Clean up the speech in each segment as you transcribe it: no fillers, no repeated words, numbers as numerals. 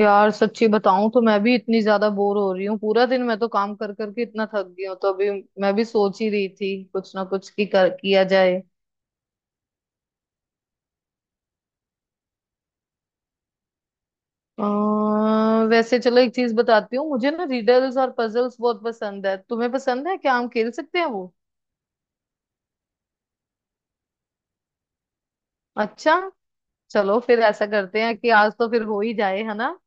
यार सच्ची बताऊं तो मैं भी इतनी ज्यादा बोर हो रही हूँ। पूरा दिन मैं तो काम कर करके इतना थक गई हूँ, तो अभी मैं भी सोच ही रही थी कुछ ना कुछ किया जाए। वैसे चलो एक चीज बताती हूँ, मुझे ना रिडल्स और पजल्स बहुत पसंद है। तुम्हें पसंद है क्या? हम खेल सकते हैं वो। अच्छा, चलो फिर ऐसा करते हैं कि आज तो फिर हो ही जाए, है ना।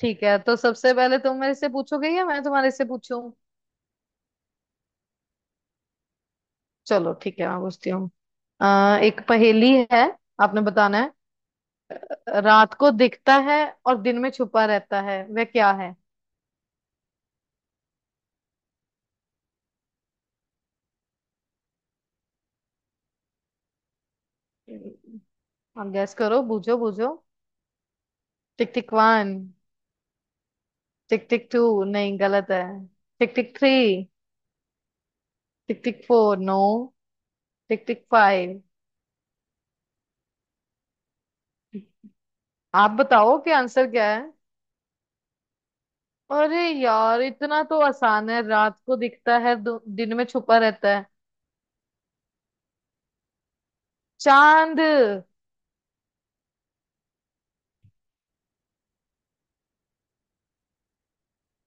ठीक है, तो सबसे पहले तुम मेरे से पूछोगे या मैं तुम्हारे से पूछूं? चलो ठीक है, मैं पूछती हूँ। एक पहेली है, आपने बताना है। रात को दिखता है और दिन में छुपा रहता है, वह क्या है? आप गैस करो, बूझो बूझो। Tick tick one. Tick tick two, नहीं गलत है। Tick tick three. Tick tick four, no. Tick tick five. आप बताओ कि आंसर क्या है। अरे यार इतना तो आसान है, रात को दिखता है दिन में छुपा रहता है। चांद।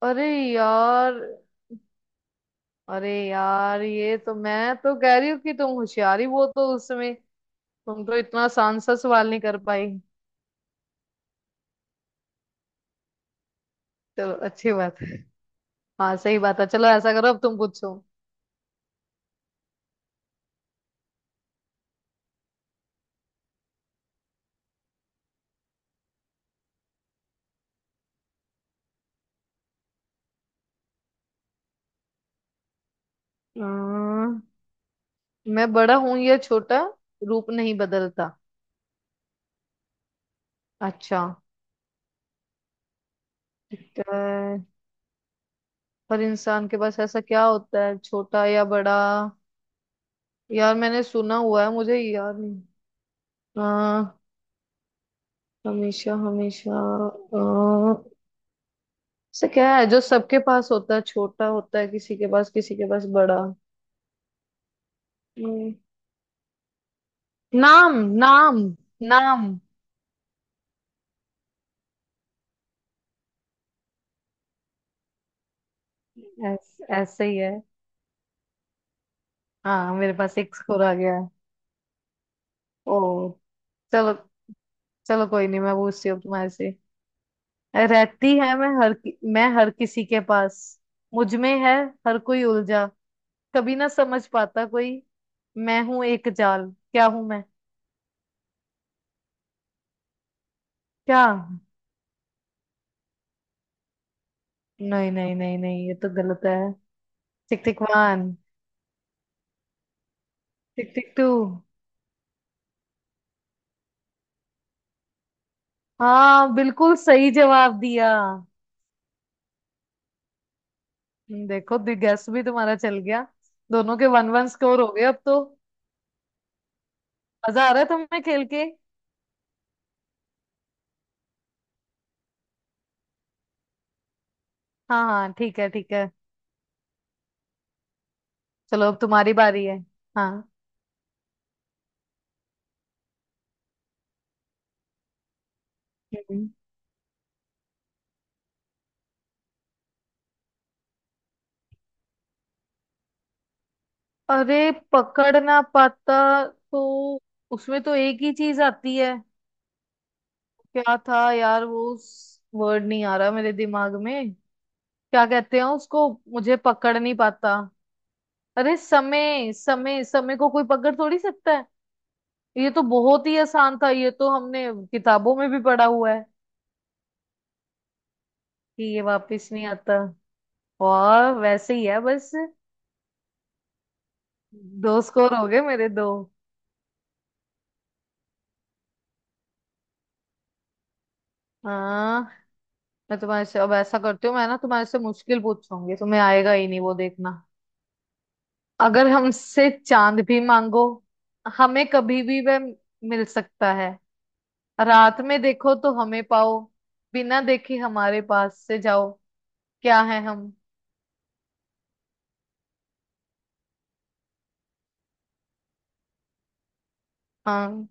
अरे यार, अरे यार, ये तो मैं तो कह रही हूँ कि तुम होशियारी बहुत हो उसमें। तुम तो इतना आसान सा सवाल नहीं कर पाई। चलो अच्छी बात है। हाँ सही बात है, चलो ऐसा करो, अब तुम पूछो। अम्म, मैं बड़ा हूं या छोटा, रूप नहीं बदलता। अच्छा, ठीक है। पर इंसान के पास ऐसा क्या होता है, छोटा या बड़ा? यार मैंने सुना हुआ है, मुझे याद नहीं। हाँ, हमेशा हमेशा। अ, ऐसा क्या है जो सबके पास होता है, छोटा होता है किसी के पास, किसी के पास बड़ा? हम्म, नाम, नाम, नाम। ऐसे ही है। हाँ मेरे पास एक स्कोर आ गया है। ओ, चलो, चलो कोई नहीं, मैं पूछती हूँ तुम्हारे से। रहती है मैं हर मैं हर किसी के पास, मुझ में है। हर कोई उलझा, कभी ना समझ पाता कोई, मैं हूं एक जाल। क्या हूं मैं? क्या? नहीं नहीं नहीं नहीं, ये तो गलत है। Tick tick one. Tick tick two. हाँ, बिल्कुल सही जवाब दिया। देखो, गैस भी तुम्हारा चल गया। दोनों के वन वन स्कोर हो गए अब तो। मजा आ रहा है तुम्हें खेल के? हाँ हाँ, ठीक है ठीक है, चलो अब तुम्हारी बारी है। हाँ। हम्म। अरे पकड़ ना पाता, तो उसमें तो एक ही चीज आती है। क्या था यार वो, वर्ड नहीं आ रहा मेरे दिमाग में। क्या कहते हैं उसको, मुझे पकड़ नहीं पाता। अरे समय, समय, समय को कोई पकड़ थोड़ी सकता है। ये तो बहुत ही आसान था, ये तो हमने किताबों में भी पढ़ा हुआ है कि ये वापस नहीं आता। और वैसे ही है बस। दो स्कोर हो गए मेरे, दो। हाँ, मैं तुम्हारे से अब ऐसा करती हूँ, मैं ना तुम्हारे से मुश्किल पूछूंगी, तुम्हें आएगा ही नहीं वो, देखना। अगर हमसे चांद भी मांगो, हमें कभी भी वह मिल सकता है। रात में देखो तो हमें पाओ, बिना देखे हमारे पास से जाओ। क्या है हम? हाँ।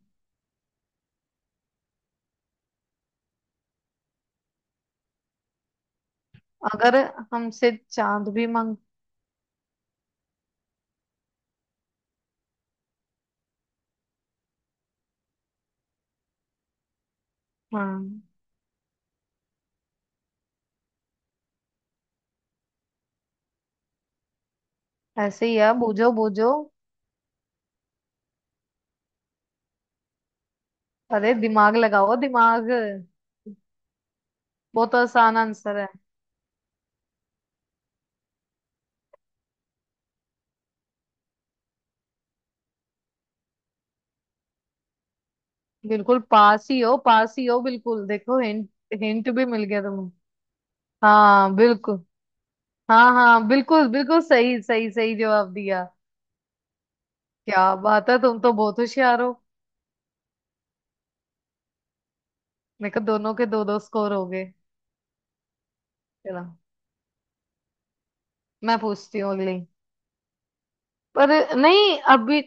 अगर हमसे चांद भी मांग। हाँ ऐसे ही है, बूझो बूझो। अरे दिमाग लगाओ दिमाग, बहुत आसान आंसर है। बिल्कुल पास ही हो, पास ही हो बिल्कुल, देखो हिंट। हिंट भी मिल गया तुम्हें। हाँ बिल्कुल। हाँ हाँ, बिल्कुल बिल्कुल, सही सही सही जवाब दिया। क्या बात है, तुम तो बहुत होशियार हो। देखो दोनों के दो दो स्कोर हो गए। चलो मैं पूछती हूँ अगली। पर, नहीं अभी।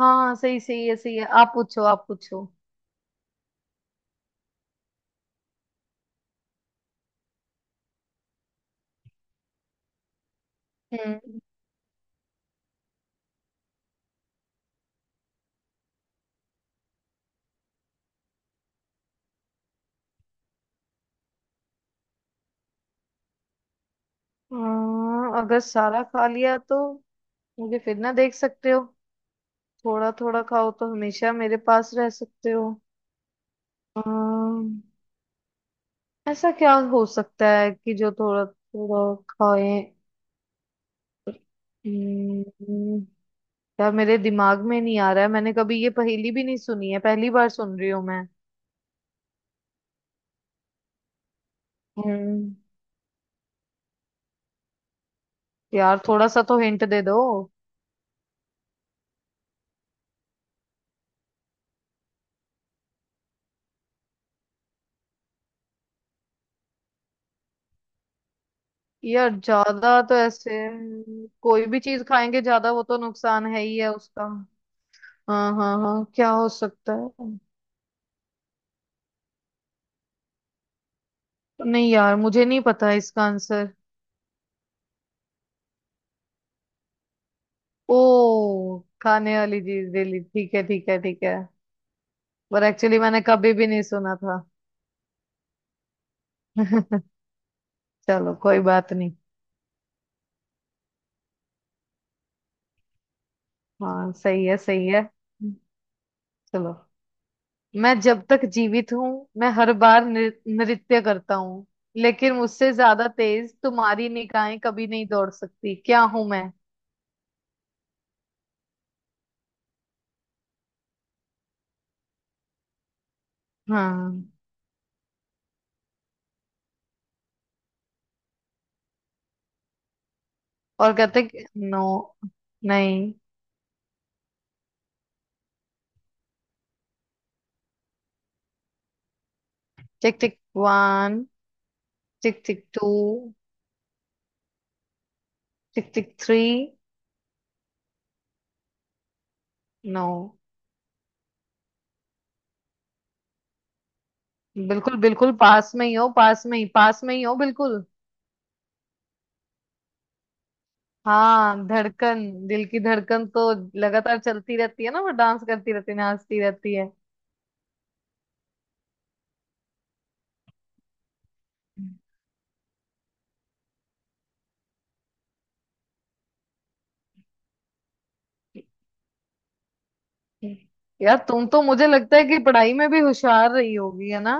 हाँ हाँ, सही सही है, सही है। आप पूछो, आप पूछो। हम्म हाँ, अगर सारा खा लिया तो मुझे फिर ना देख सकते हो। थोड़ा थोड़ा खाओ तो हमेशा मेरे पास रह सकते हो। ऐसा क्या हो सकता है कि जो थोड़ा थोड़ा खाए? हम्म, यार मेरे दिमाग में नहीं आ रहा है, मैंने कभी ये पहेली भी नहीं सुनी है, पहली बार सुन रही हूँ मैं। हम्म यार थोड़ा सा तो हिंट दे दो। यार ज्यादा तो ऐसे कोई भी चीज खाएंगे ज्यादा, वो तो नुकसान है ही है उसका। हाँ हाँ हाँ, क्या हो सकता है? नहीं यार, मुझे नहीं पता इसका आंसर। ओ, खाने वाली चीज डेली, ठीक है ठीक है ठीक है। पर एक्चुअली मैंने कभी भी नहीं सुना था। चलो कोई बात नहीं। हाँ सही है, सही है। चलो, मैं जब तक जीवित हूँ, मैं हर बार नृत्य करता हूँ, लेकिन मुझसे ज्यादा तेज तुम्हारी निगाहें कभी नहीं दौड़ सकती। क्या हूं मैं? हाँ। और नो, नहीं। Tick tick one. Tick tick two. Tick tick three. No. बिल्कुल बिल्कुल पास में ही हो, पास में ही, पास में ही हो बिल्कुल। हाँ, धड़कन। दिल की धड़कन तो लगातार चलती रहती है ना, वो डांस करती रहती है, नाचती रहती है। यार तुम तो, मुझे लगता है कि पढ़ाई में भी होशियार रही होगी, है ना?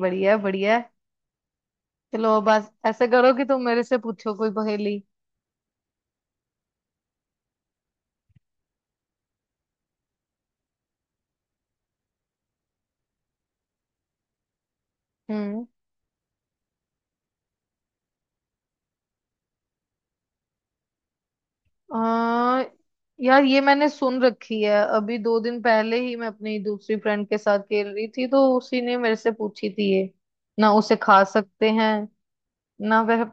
बढ़िया है, बढ़िया है। चलो बस ऐसे करो कि तुम मेरे से पूछो कोई पहेली। हम्म आ, यार ये मैंने सुन रखी है, अभी दो दिन पहले ही मैं अपनी दूसरी फ्रेंड के साथ खेल रही थी, तो उसी ने मेरे से पूछी थी ये। ना उसे खा सकते हैं, ना वह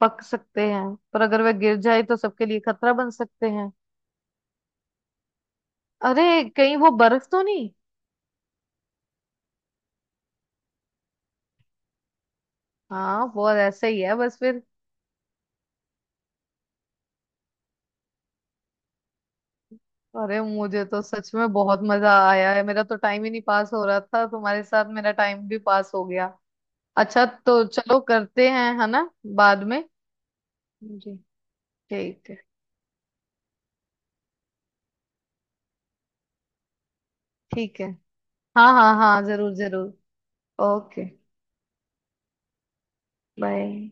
पक सकते हैं, पर अगर वह गिर जाए तो सबके लिए खतरा बन सकते हैं। अरे, कहीं वो बर्फ तो नहीं? हाँ वो ऐसे ही है बस फिर। अरे मुझे तो सच में बहुत मजा आया है, मेरा तो टाइम ही नहीं पास हो रहा था, तुम्हारे साथ मेरा टाइम भी पास हो गया। अच्छा तो चलो करते हैं, है ना, बाद में। जी, ठीक है ठीक है। हाँ हाँ हाँ, जरूर जरूर। Okay bye.